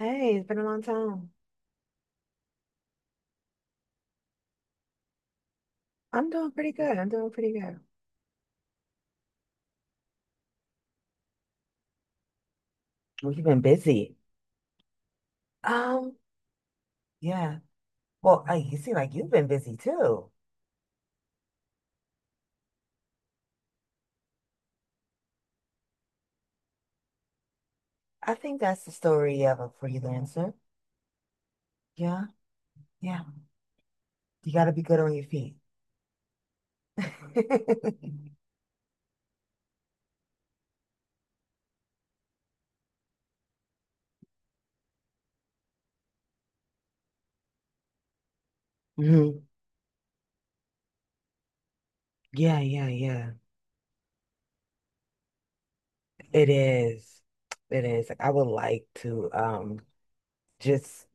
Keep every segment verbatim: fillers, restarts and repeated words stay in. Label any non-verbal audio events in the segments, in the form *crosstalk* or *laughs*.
Hey, it's been a long time. I'm doing pretty good. I'm doing pretty good. Well, you've been busy. Um, Yeah. Well, I, you seem like you've been busy too. I think that's the story of a freelancer. Yeah. Yeah. You got to be good on your feet. *laughs* Mhm. Yeah, yeah, yeah. It is. It is. Like, I would like to um just.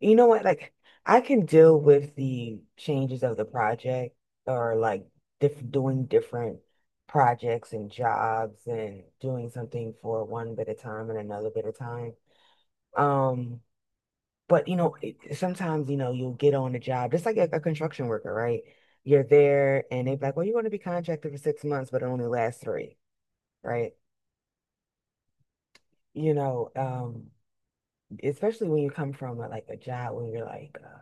You know what? Like, I can deal with the changes of the project or like diff doing different projects and jobs and doing something for one bit of time and another bit of time. Um, but you know, it, sometimes you know you'll get on a job just like a, a construction worker, right? You're there and they're like, "Well, you're going to be contracted for six months, but it only lasts three, right?" You know, um, especially when you come from a, like a job when you're like. uh,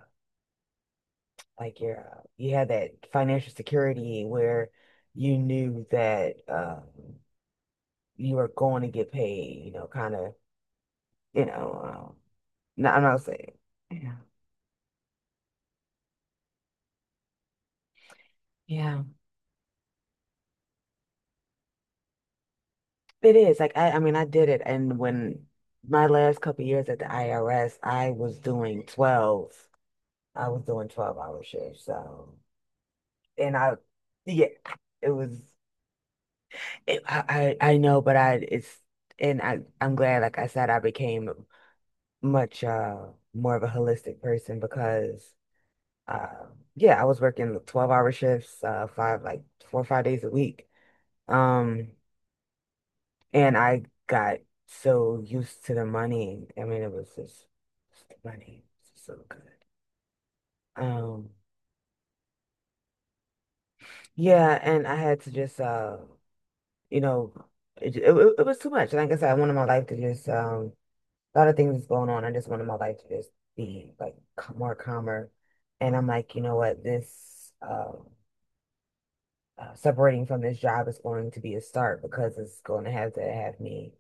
like your uh, you had that financial security where you knew that um, you were going to get paid, you know, kind of, you know, um, no, I'm not saying, yeah, Yeah. it is like I, I mean, I did it, and when my last couple years at the I R S, I was doing twelve, I was doing twelve hour shifts, so and I, yeah, it was, it, I, I I know, but I it's. And I, I'm glad, like I said, I became much uh more of a holistic person because uh yeah, I was working twelve-hour shifts, uh five like four or five days a week. Um and I got so used to the money. I mean, it was just, just the money. It's so good. Um yeah, and I had to just uh you know it, it, it was too much. Like I said, I wanted my life to just um a lot of things going on. I just wanted my life to just be like c- more calmer. And I'm like, you know what, this um uh, separating from this job is going to be a start because it's going to have to have me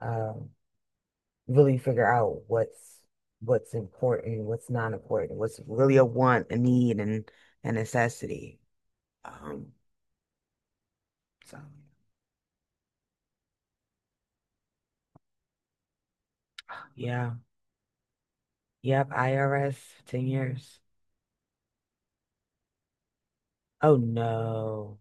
um, really figure out what's what's important, what's not important, what's really a want, a need, and a necessity. Um, so yeah, yep, I R S, ten years. Oh no.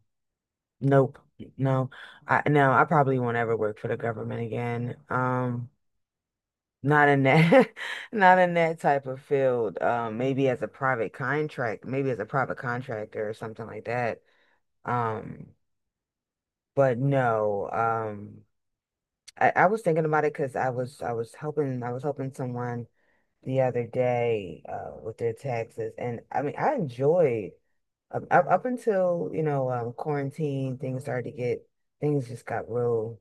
Nope. No. I no, I probably won't ever work for the government again. Um, Not in that, *laughs* not in that type of field. Um, maybe as a private contract, maybe as a private contractor or something like that. Um, but no. Um, I, I was thinking about it because I was I was helping I was helping someone the other day uh, with their taxes, and I mean I enjoyed up, up up until you know um, quarantine things started to get things just got real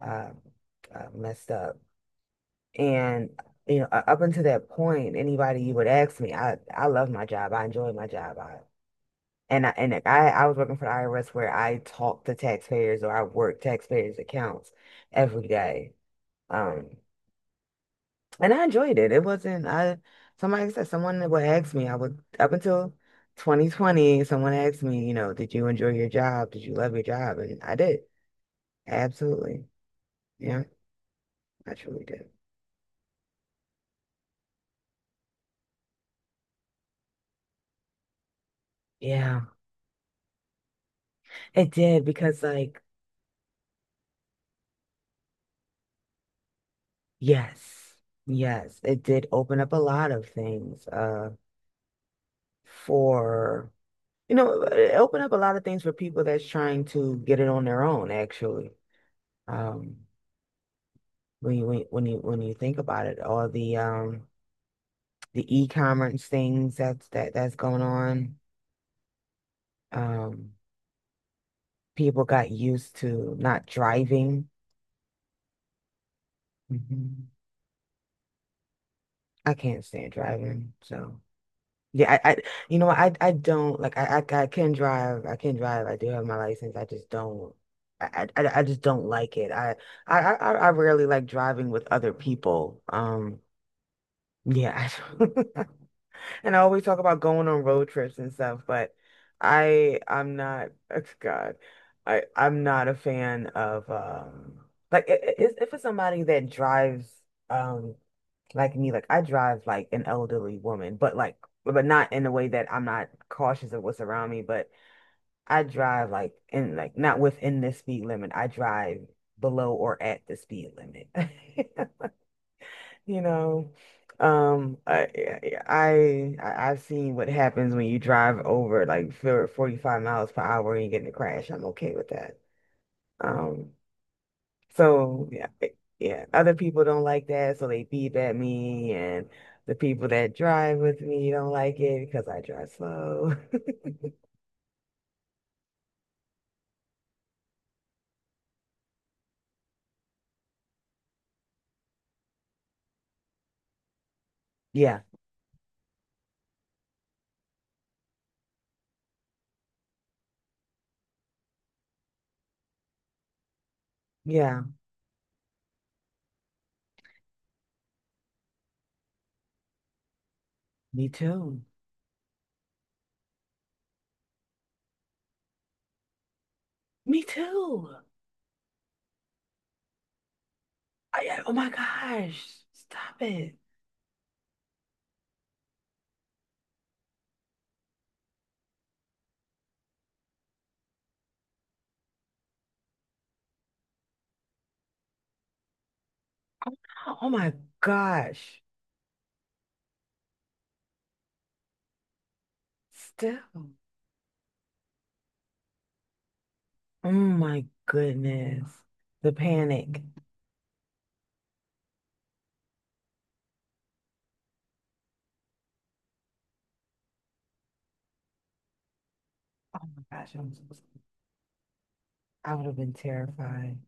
um, uh, messed up. And you know, u- up until that point, anybody you would ask me, I I love my job. I enjoy my job. I and I and like, I I was working for the I R S where I talk to taxpayers or I work taxpayers' accounts every day. Um, and I enjoyed it. It wasn't I somebody said someone that would ask me, I would up until twenty twenty, someone asked me, you know, did you enjoy your job? Did you love your job? And I did. Absolutely. Yeah, I truly did. Yeah, it did because like. Yes, yes, it did open up a lot of things uh for you know it opened up a lot of things for people that's trying to get it on their own actually. Um when you when you when you when you think about it, all the um the e-commerce things that's that that's going on. Um people got used to not driving. Mhm. I can't stand driving, so. Yeah, I, I you know, I I don't like I, I I can drive. I can drive. I do have my license. I just don't. I I, I I just don't like it. I I I I rarely like driving with other people. Um yeah, *laughs* I don't- *laughs* and I always talk about going on road trips and stuff, but I I'm not *laughs* oh, God. I I'm not a fan of um like i- i- if if it's somebody that drives um like me, like I drive like an elderly woman, but like. But not in a way that I'm not cautious of what's around me, but I drive like in like not within the speed limit. I drive below or at the speed limit. *laughs* You know, um, I, I I- I've seen what happens when you drive over like for forty-five miles per hour and you get in a crash. I'm okay with that. Um, so yeah, it- yeah. Other people don't like that, so they beep at me, and the people that drive with me don't like it because I drive slow. *laughs* Yeah, yeah. Me too. Me too. I, I- oh my gosh! Stop it! Oh, oh my gosh! Still. Oh my goodness! The panic. Oh my gosh! I'm, so- I would have been terrified.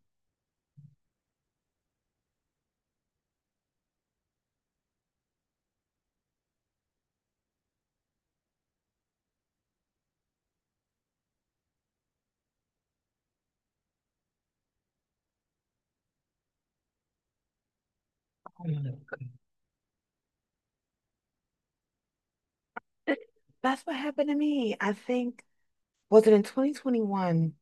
*laughs* Oh my God. That's what happened to me. I think was it in twenty twenty-one?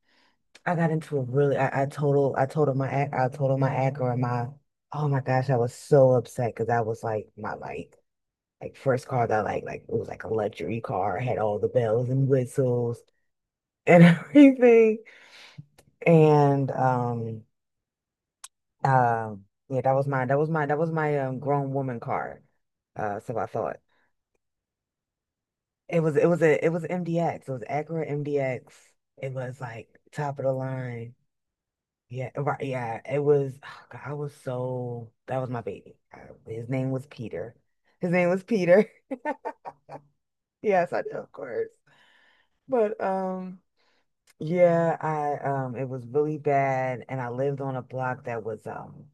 I got into a really I, I total I totaled my ac- I totaled my Acura and my oh my gosh, I was so upset because that was like my like like first car that like like it was like a luxury car, had all the bells and whistles and *laughs* everything. And um uh, yeah, that was my that was my that was my um grown woman card. Uh so I thought it was it was a it was M D X. It was Acura M D X. It was like top of the line. Yeah, right. Yeah, it was *sighs* God, I was so that was my baby. Uh, His name was Peter. His name was Peter. *laughs* Yes, I do, of course. But um yeah, I um it was really bad and I lived on a block that was um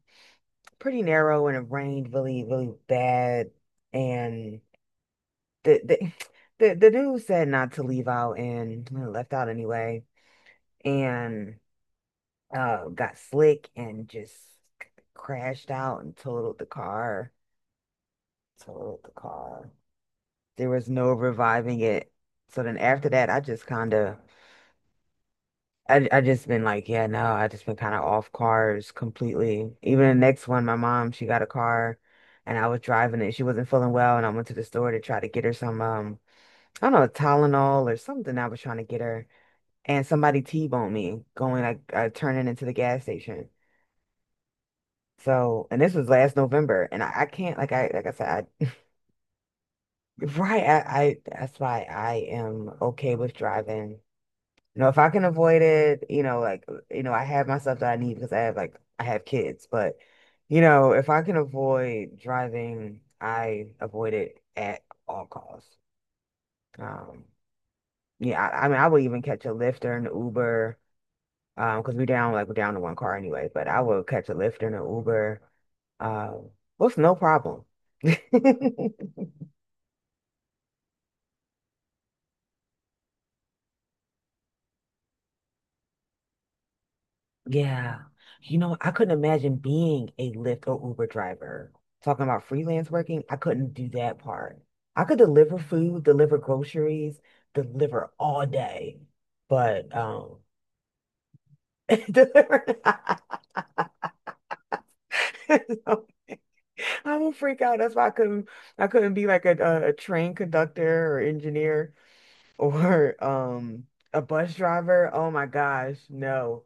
pretty narrow and it rained really, really bad. And the the *sighs* the, the dude said not to leave out and I left out anyway. And uh got slick and just crashed out and totaled the car. Totaled the car. There was no reviving it. So then after that I just kinda I I just been like, yeah, no, I just been kind of off cars completely. Even the next one, my mom, she got a car and I was driving it. She wasn't feeling well and I went to the store to try to get her some um I don't know, Tylenol or something I was trying to get her. And somebody T-boned me going like uh, turning into the gas station. So, and this was last November and I, I can't like I like I said I, *laughs* right I, I that's why I am okay with driving. You know, if I can avoid it, you know, like, you know, I have my stuff that I need because I have like I have kids, but you know, if I can avoid driving, I avoid it at all costs. Um, yeah, I, I mean, I would even catch a Lyft or an Uber, um, because we down like we're down to one car anyway, but I would catch a Lyft and an Uber, um, with no problem. *laughs* Yeah. You know, I couldn't imagine being a Lyft or Uber driver. Talking about freelance working, I couldn't do that part. I could deliver food, deliver groceries, deliver all day, but um *laughs* deliver *laughs* So, I will freak out. That's why I couldn't. I couldn't be like a, a, a train conductor or engineer *laughs* or um a bus driver. Oh my gosh, no.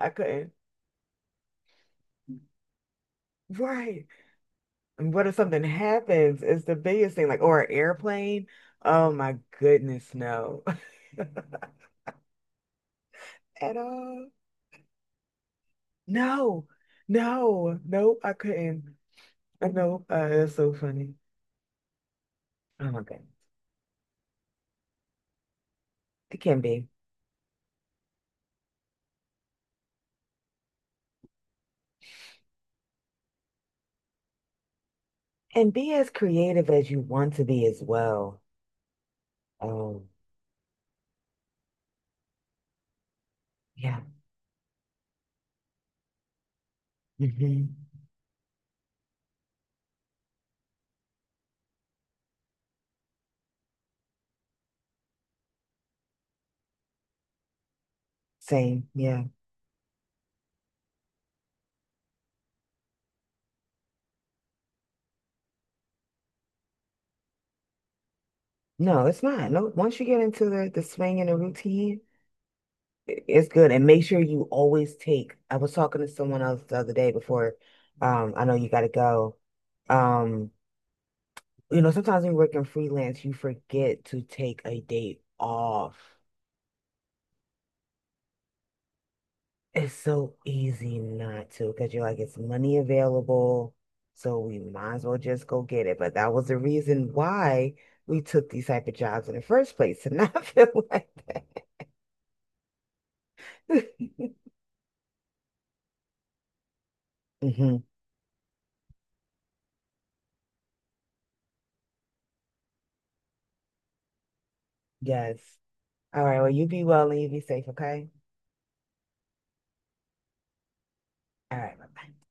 I couldn't. Right. What if something happens? It's the biggest thing, like, or an airplane. Oh my goodness, no. *laughs* At all. No, no, no, I couldn't. I know, uh, that's so funny. Oh my God. It can be. And be as creative as you want to be as well. Oh, yeah. Hmm. Same, yeah. No, it's not. No, once you get into the, the swing and the routine, it's good. And make sure you always take. I was talking to someone else the other day before. Um, I know you gotta go. Um, you know, sometimes when you're working freelance, you forget to take a day off. It's so easy not to because you're like, it's money available, so we might as well just go get it. But that was the reason why we took these type of jobs in the first place to not *laughs* feel like that. *laughs* Hmm. Yes. All right. Well, you be well and you be safe, okay? All right. Bye-bye.